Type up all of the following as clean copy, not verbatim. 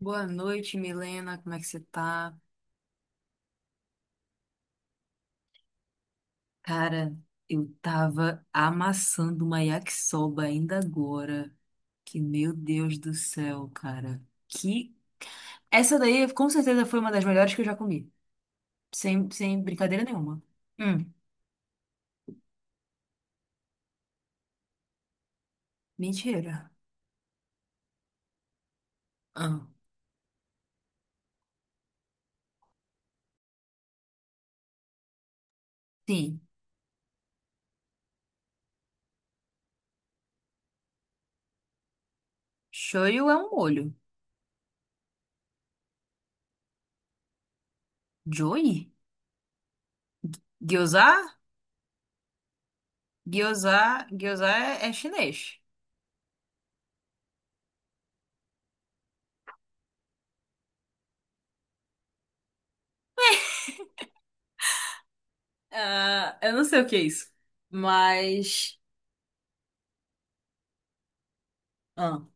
Boa noite, Milena. Como é que você tá? Cara, eu tava amassando uma yakisoba ainda agora. Que meu Deus do céu, cara. Que essa daí com certeza foi uma das melhores que eu já comi. Sem brincadeira nenhuma. Hum, mentira. Ah, sim. Shoyu é um molho. Joy? Gyoza? Gyoza, gyoza é chinês. Ah, eu não sei o que é isso. Mas. Ah.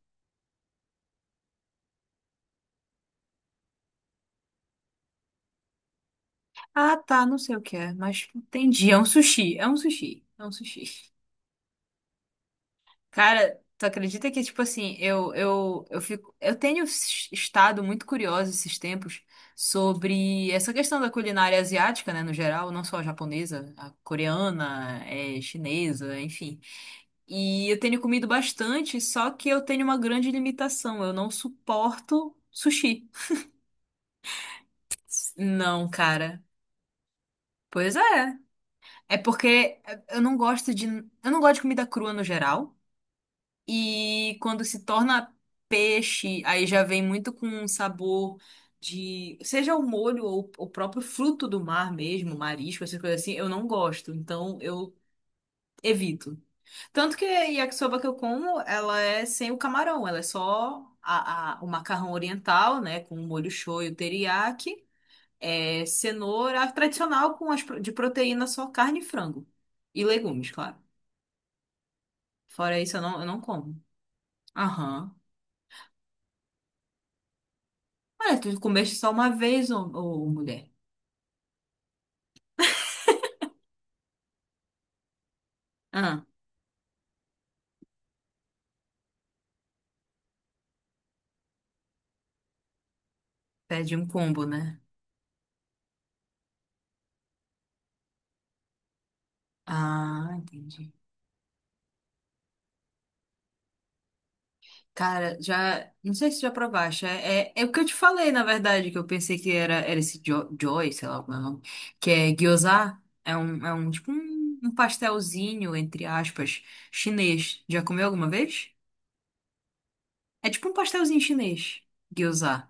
Ah, tá, não sei o que é, mas entendi. É um sushi, é um sushi, é um sushi. Cara, tu acredita que, tipo assim, eu fico. Eu tenho estado muito curiosa esses tempos sobre essa questão da culinária asiática, né, no geral, não só a japonesa, a coreana, é, chinesa, enfim. E eu tenho comido bastante, só que eu tenho uma grande limitação. Eu não suporto sushi. Não, cara. Pois é. É porque eu não gosto de, eu não gosto de comida crua no geral. E quando se torna peixe, aí já vem muito com um sabor de, seja o molho ou o próprio fruto do mar mesmo, marisco, essas coisas assim, eu não gosto. Então eu evito. Tanto que a yakisoba que eu como, ela é sem o camarão, ela é só o macarrão oriental, né, com o molho shoyu, teriyaki, é, cenoura, a tradicional com as, de proteína só carne e frango. E legumes, claro. Fora isso, eu não como. Aham. Olha, tu comeste só uma vez, ô, mulher. Ah, pede um combo, né? Ah, entendi. Cara, já. Não sei se já provaste. É o que eu te falei, na verdade, que eu pensei que era esse jo Joy, sei lá como é o nome. Que é gyoza. É um tipo um pastelzinho, entre aspas, chinês. Já comeu alguma vez? É tipo um pastelzinho chinês. Gyoza.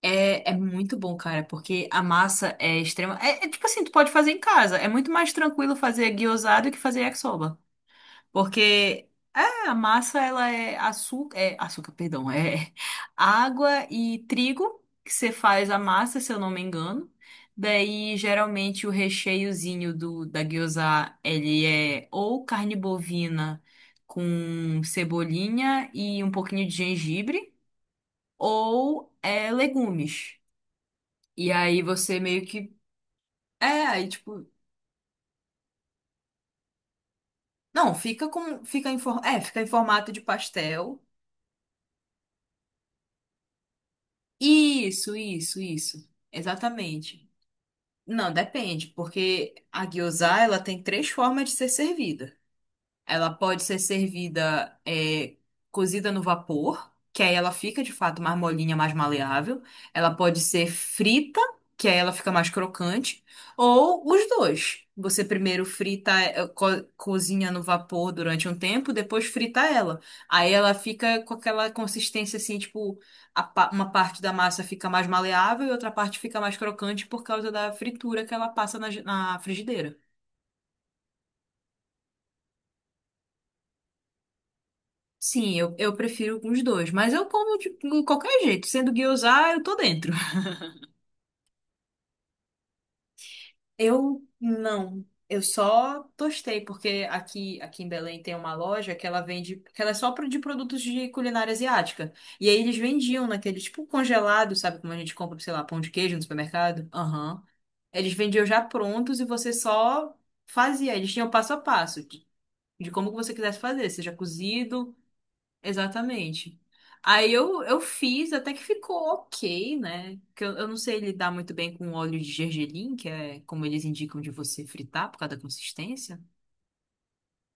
É muito bom, cara, porque a massa é extrema. É tipo assim, tu pode fazer em casa. É muito mais tranquilo fazer guiosado do que fazer yakisoba. Porque é, a massa, ela é açúcar, perdão, é água e trigo que você faz a massa, se eu não me engano. Daí, geralmente, o recheiozinho da gyoza ele é ou carne bovina com cebolinha e um pouquinho de gengibre, ou é legumes. E aí você meio que. É, aí tipo. Não, fica com. Fica em, é, fica em formato de pastel. Isso. Exatamente. Não, depende, porque a gyoza, ela tem três formas de ser servida. Ela pode ser servida é, cozida no vapor, que aí ela fica de fato mais molinha, mais maleável. Ela pode ser frita, que aí ela fica mais crocante. Ou os dois. Você primeiro frita, cozinha no vapor durante um tempo, depois frita ela. Aí ela fica com aquela consistência assim, tipo, a uma parte da massa fica mais maleável e outra parte fica mais crocante por causa da fritura que ela passa na, na frigideira. Sim, eu prefiro os dois, mas eu como de qualquer jeito, sendo guiozá, eu tô dentro. Eu não. Eu só tostei, porque aqui em Belém tem uma loja que ela vende, que ela é só de produtos de culinária asiática. E aí eles vendiam naquele tipo congelado, sabe como a gente compra, sei lá, pão de queijo no supermercado? Aham. Eles vendiam já prontos e você só fazia. Eles tinham passo a passo de como que você quisesse fazer, seja cozido. Exatamente. Aí eu fiz, até que ficou ok, né? Que eu não sei lidar muito bem com óleo de gergelim, que é como eles indicam de você fritar por causa da consistência.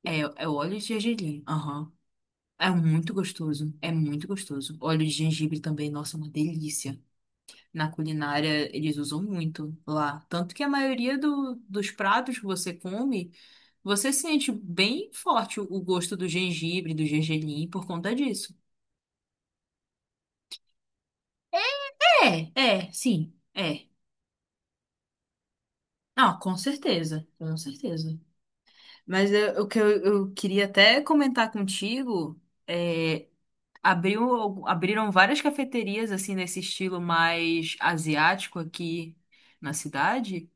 É, é o óleo de gergelim. Aham. É muito gostoso. É muito gostoso. Óleo de gengibre também, nossa, é uma delícia. Na culinária eles usam muito lá. Tanto que a maioria dos pratos que você come, você sente bem forte o gosto do gengibre, do gergelim por conta disso. É, é, sim. Não, com certeza, com certeza. Mas eu- o que eu queria até comentar contigo é, abriu, abriram várias cafeterias assim nesse estilo mais asiático aqui na cidade.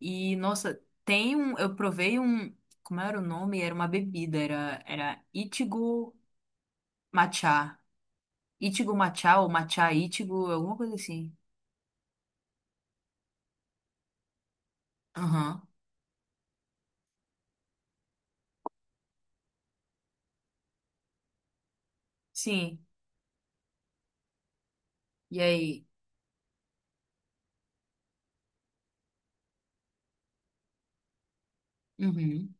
E, nossa, tem um. Eu provei um. Como era o nome? Era uma bebida, era Ichigo Matcha. Ichigo Matcha ou Matcha Ichigo, alguma coisa assim. Aham. Sim. E aí? Uhum.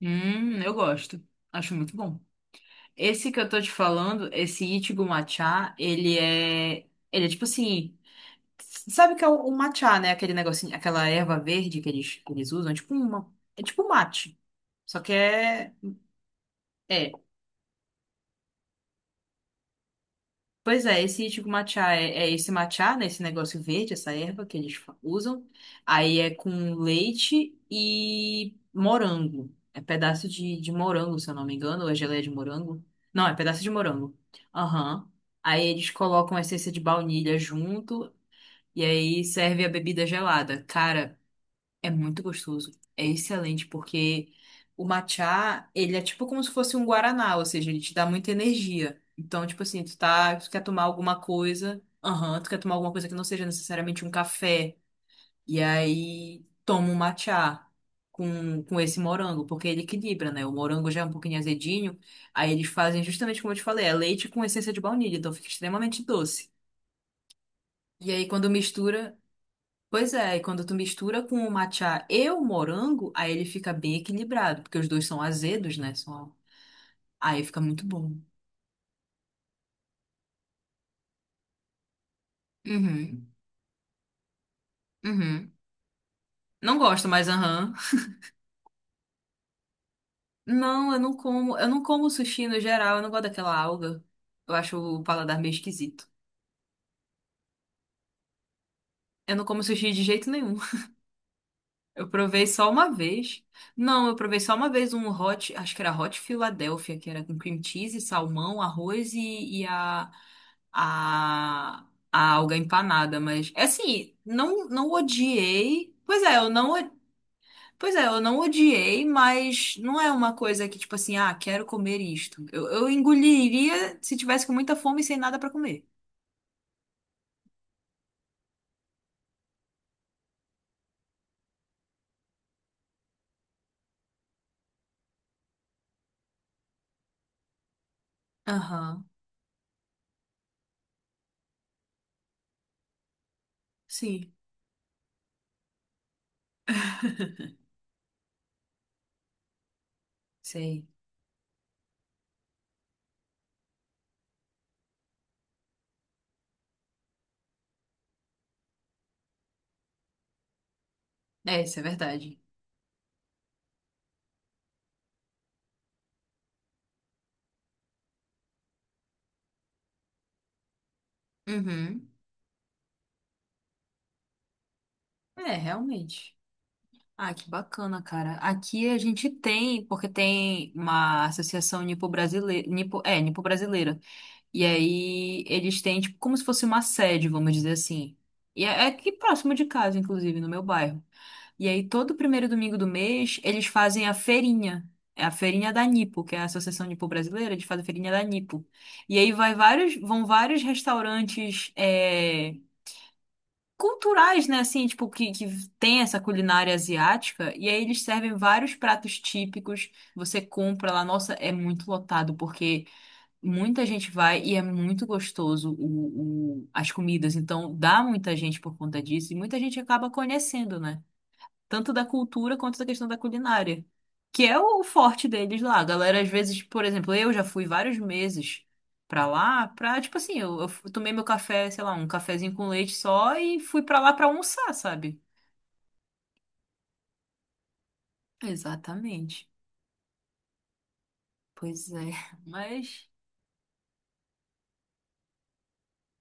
Eu gosto. Acho muito bom. Esse que eu tô te falando, esse Ichigo Matcha, ele é. Ele é tipo assim. Sabe o que é o matcha, né? Aquele negocinho, aquela erva verde que eles usam. É tipo uma. É tipo um mate. Só que é. É, pois é, esse tipo matcha é esse matcha, né? Esse negócio verde, essa erva que eles usam. Aí é com leite e morango. É pedaço de morango, se eu não me engano, ou é geleia de morango. Não, é pedaço de morango. Aham. Aí eles colocam a essência de baunilha junto e aí serve a bebida gelada. Cara, é muito gostoso. É excelente porque o matcha, ele é tipo como se fosse um guaraná, ou seja, ele te dá muita energia. Então, tipo assim, tu tá, tu quer tomar alguma coisa, aham, tu quer tomar alguma coisa que não seja necessariamente um café, e aí toma um matcha com esse morango, porque ele equilibra, né? O morango já é um pouquinho azedinho, aí eles fazem justamente como eu te falei, é leite com essência de baunilha, então fica extremamente doce. E aí, quando mistura, pois é, e quando tu mistura com o matcha e o morango, aí ele fica bem equilibrado, porque os dois são azedos, né? São... Aí fica muito bom. Uhum, uhum. Não gosto mais, aham. Não, eu não como sushi no geral, eu não gosto daquela alga. Eu acho o paladar meio esquisito. Eu não como sushi de jeito nenhum. Eu provei só uma vez. Não, eu provei só uma vez um hot, acho que era hot Philadelphia, que era com cream cheese, salmão, arroz e a, a alga empanada, mas é assim, não não odiei. Pois é, eu não, eu não odiei, mas não é uma coisa que tipo assim, ah, quero comer isto. Eu engoliria se tivesse com muita fome e sem nada pra comer. Aham. Sim, sei. É, isso é verdade. Uhum. É, realmente. Ah, que bacana, cara. Aqui a gente tem, porque tem uma associação nipo, é, nipo-brasileira. E aí eles têm, tipo, como se fosse uma sede, vamos dizer assim. E é aqui próximo de casa, inclusive, no meu bairro. E aí todo primeiro domingo do mês eles fazem a feirinha. É a feirinha da Nipo, que é a Associação Nipo Brasileira, eles fazem a feirinha da Nipo. E aí vão vários restaurantes é, culturais, né? Assim, tipo, que tem essa culinária asiática. E aí eles servem vários pratos típicos. Você compra lá, nossa, é muito lotado, porque. Muita gente vai e é muito gostoso as comidas, então dá muita gente por conta disso e muita gente acaba conhecendo, né? Tanto da cultura quanto da questão da culinária, que é o forte deles lá. A galera, às vezes, por exemplo, eu já fui vários meses pra lá, pra, tipo assim, eu tomei meu café, sei lá, um cafezinho com leite só e fui pra lá pra almoçar, sabe? Exatamente. Pois é. Mas.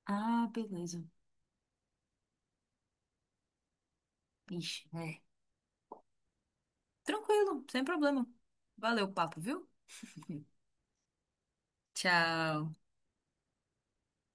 Ah, beleza. Ixi, é. Tranquilo, sem problema. Valeu o papo, viu? Tchau.